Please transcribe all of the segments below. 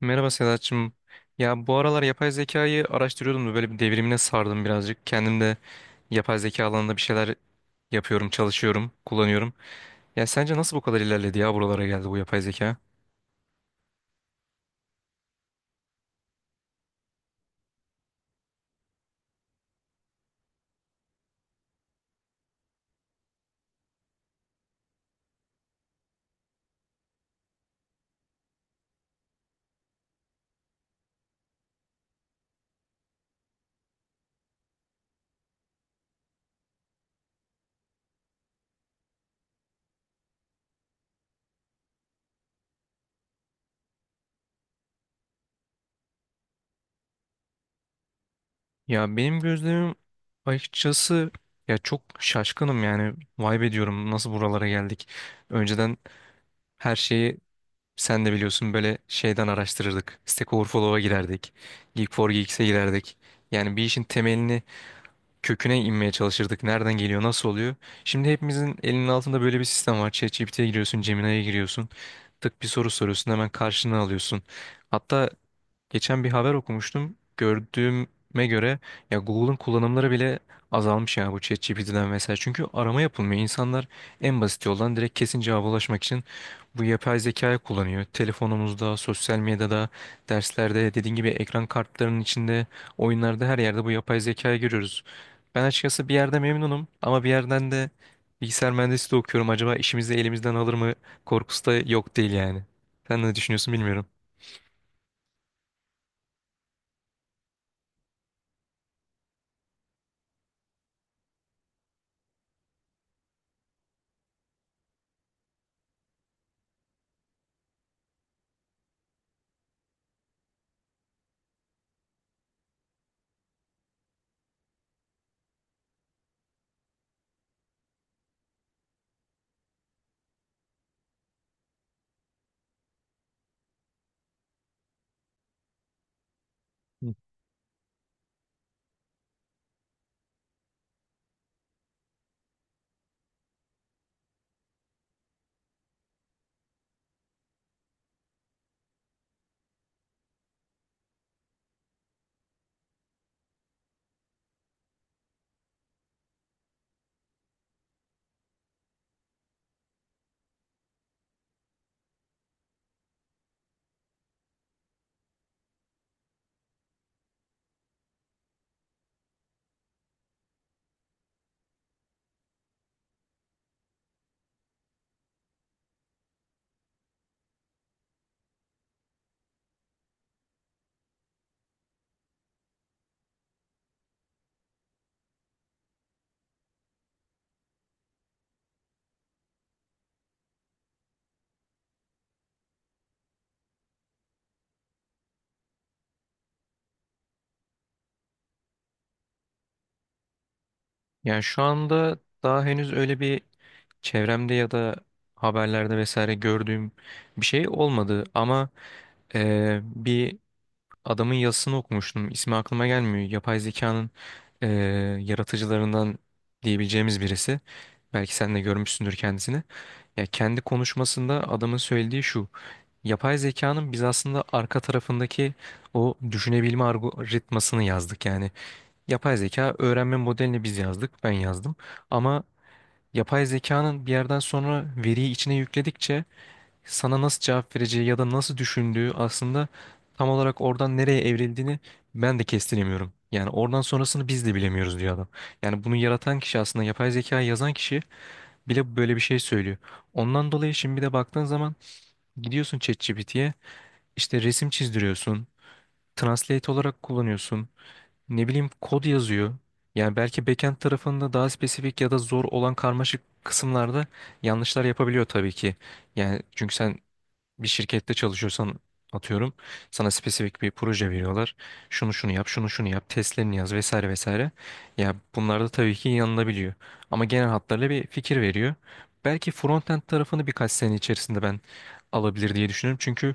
Merhaba Sedat'cığım. Ya bu aralar yapay zekayı araştırıyordum da böyle bir devrimine sardım birazcık. Kendim de yapay zeka alanında bir şeyler yapıyorum, çalışıyorum, kullanıyorum. Ya sence nasıl bu kadar ilerledi ya buralara geldi bu yapay zeka? Ya benim gözlemim açıkçası ya çok şaşkınım yani. Vay be diyorum nasıl buralara geldik. Önceden her şeyi sen de biliyorsun böyle şeyden araştırırdık. Stack Overflow'a girerdik. Geek4Geeks'e girerdik. Yani bir işin temelini köküne inmeye çalışırdık. Nereden geliyor, nasıl oluyor? Şimdi hepimizin elinin altında böyle bir sistem var. ChatGPT'ye giriyorsun, Gemini'ye giriyorsun. Tık bir soru soruyorsun, hemen karşına alıyorsun. Hatta geçen bir haber okumuştum. Gördüğüme göre ya Google'ın kullanımları bile azalmış ya bu ChatGPT'den vesaire. Çünkü arama yapılmıyor. İnsanlar en basit yoldan direkt kesin cevaba ulaşmak için bu yapay zekayı kullanıyor. Telefonumuzda, sosyal medyada, derslerde, dediğin gibi ekran kartlarının içinde, oyunlarda her yerde bu yapay zekayı görüyoruz. Ben açıkçası bir yerde memnunum ama bir yerden de bilgisayar mühendisliği okuyorum. Acaba işimizi elimizden alır mı korkusu da yok değil yani. Sen ne düşünüyorsun bilmiyorum. Yani şu anda daha henüz öyle bir çevremde ya da haberlerde vesaire gördüğüm bir şey olmadı ama bir adamın yazısını okumuştum. İsmi aklıma gelmiyor. Yapay zekanın eee, yaratıcılarından diyebileceğimiz birisi. Belki sen de görmüşsündür kendisini. Ya kendi konuşmasında adamın söylediği şu. Yapay zekanın biz aslında arka tarafındaki o düşünebilme algoritmasını yazdık. Yani yapay zeka öğrenme modelini biz yazdık, ben yazdım. Ama yapay zekanın bir yerden sonra veriyi içine yükledikçe sana nasıl cevap vereceği ya da nasıl düşündüğü aslında tam olarak oradan nereye evrildiğini ben de kestiremiyorum. Yani oradan sonrasını biz de bilemiyoruz diyor adam. Yani bunu yaratan kişi aslında yapay zekayı yazan kişi bile böyle bir şey söylüyor. Ondan dolayı şimdi bir de baktığın zaman gidiyorsun ChatGPT'ye işte resim çizdiriyorsun, translate olarak kullanıyorsun. Ne bileyim kod yazıyor. Yani belki backend tarafında daha spesifik ya da zor olan karmaşık kısımlarda yanlışlar yapabiliyor tabii ki. Yani çünkü sen bir şirkette çalışıyorsan atıyorum sana spesifik bir proje veriyorlar. Şunu şunu yap, şunu şunu yap, testlerini yaz vesaire vesaire. Ya bunlarda tabii ki yanılabiliyor. Ama genel hatlarıyla bir fikir veriyor. Belki frontend tarafını birkaç sene içerisinde ben alabilir diye düşünüyorum. Çünkü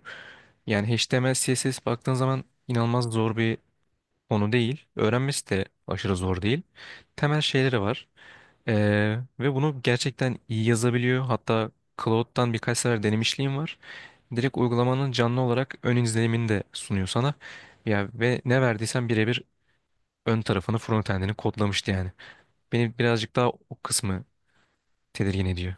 yani HTML, CSS baktığın zaman inanılmaz zor bir onu değil. Öğrenmesi de aşırı zor değil. Temel şeyleri var. Ve bunu gerçekten iyi yazabiliyor. Hatta Cloud'dan birkaç sefer denemişliğim var. Direkt uygulamanın canlı olarak ön izlenimini de sunuyor sana. Ya ve ne verdiysen birebir ön tarafını, frontendini kodlamıştı yani. Beni birazcık daha o kısmı tedirgin ediyor.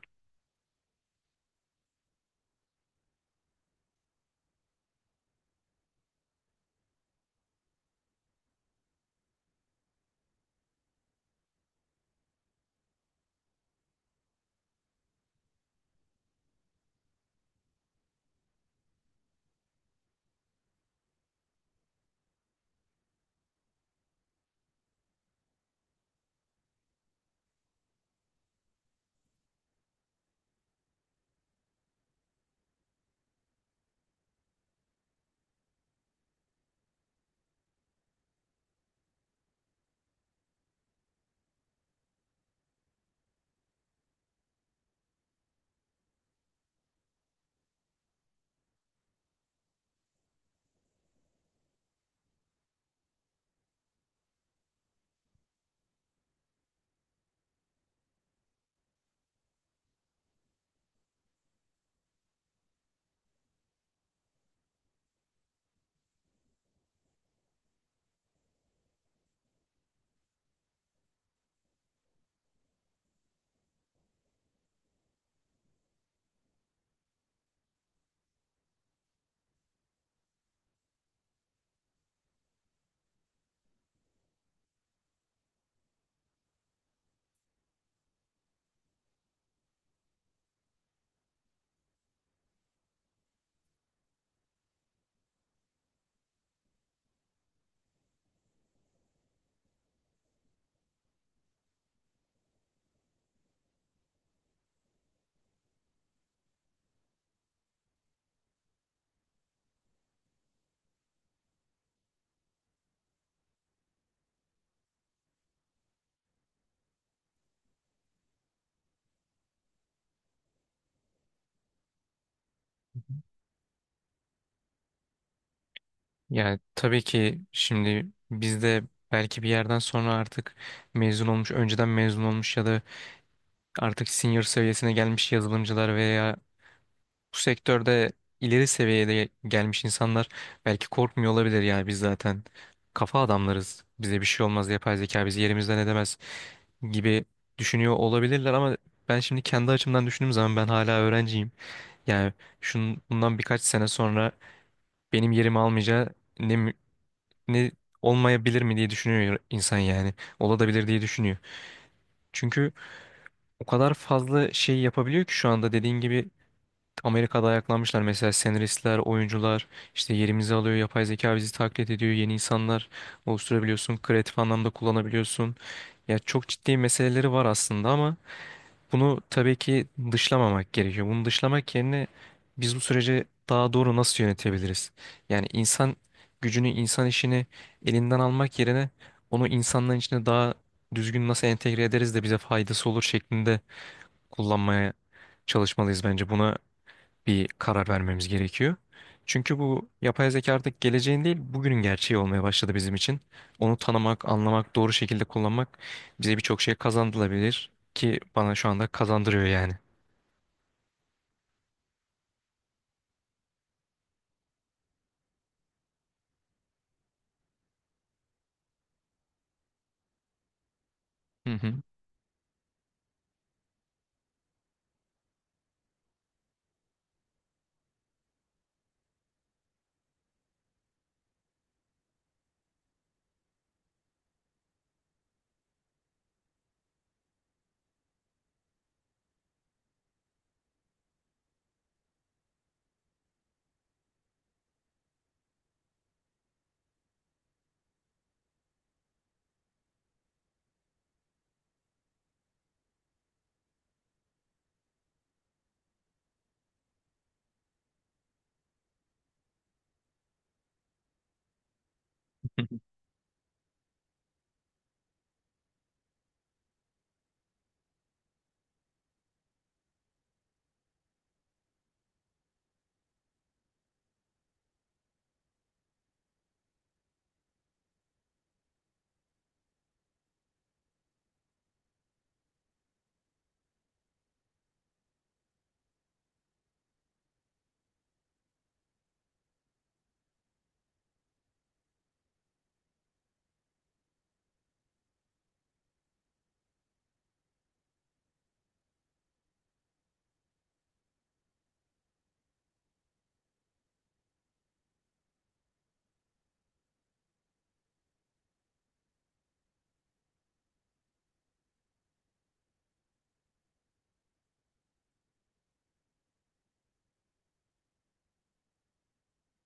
Yani tabii ki şimdi biz de belki bir yerden sonra artık mezun olmuş, önceden mezun olmuş ya da artık senior seviyesine gelmiş yazılımcılar veya bu sektörde ileri seviyede gelmiş insanlar belki korkmuyor olabilir yani biz zaten kafa adamlarız. Bize bir şey olmaz, yapay zeka bizi yerimizden edemez gibi düşünüyor olabilirler ama ben şimdi kendi açımdan düşündüğüm zaman ben hala öğrenciyim. Yani şunun bundan birkaç sene sonra benim yerimi almayacağı ne mü- ne olmayabilir mi diye düşünüyor insan yani. Olabilir diye düşünüyor. Çünkü o kadar fazla şey yapabiliyor ki şu anda dediğin gibi Amerika'da ayaklanmışlar mesela senaristler, oyuncular işte yerimizi alıyor, yapay zeka bizi taklit ediyor, yeni insanlar oluşturabiliyorsun, kreatif anlamda kullanabiliyorsun. Ya çok ciddi meseleleri var aslında ama bunu tabii ki dışlamamak gerekiyor. Bunu dışlamak yerine biz bu süreci daha doğru nasıl yönetebiliriz? Yani insan gücünü, insan işini elinden almak yerine onu insanların içine daha düzgün nasıl entegre ederiz de bize faydası olur şeklinde kullanmaya çalışmalıyız bence. Buna bir karar vermemiz gerekiyor. Çünkü bu yapay zeka artık geleceğin değil, bugünün gerçeği olmaya başladı bizim için. Onu tanımak, anlamak, doğru şekilde kullanmak bize birçok şey kazandırabilir ki bana şu anda kazandırıyor yani. Hı hı.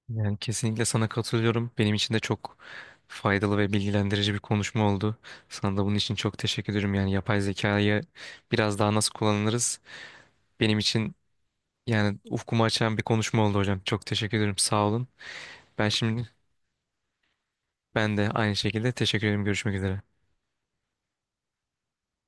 Yani kesinlikle sana katılıyorum. Benim için de çok faydalı ve bilgilendirici bir konuşma oldu. Sana da bunun için çok teşekkür ederim. Yani yapay zekayı biraz daha nasıl kullanırız? Benim için yani ufkumu açan bir konuşma oldu hocam. Çok teşekkür ederim. Sağ olun. Ben şimdi ben de aynı şekilde teşekkür ederim. Görüşmek üzere.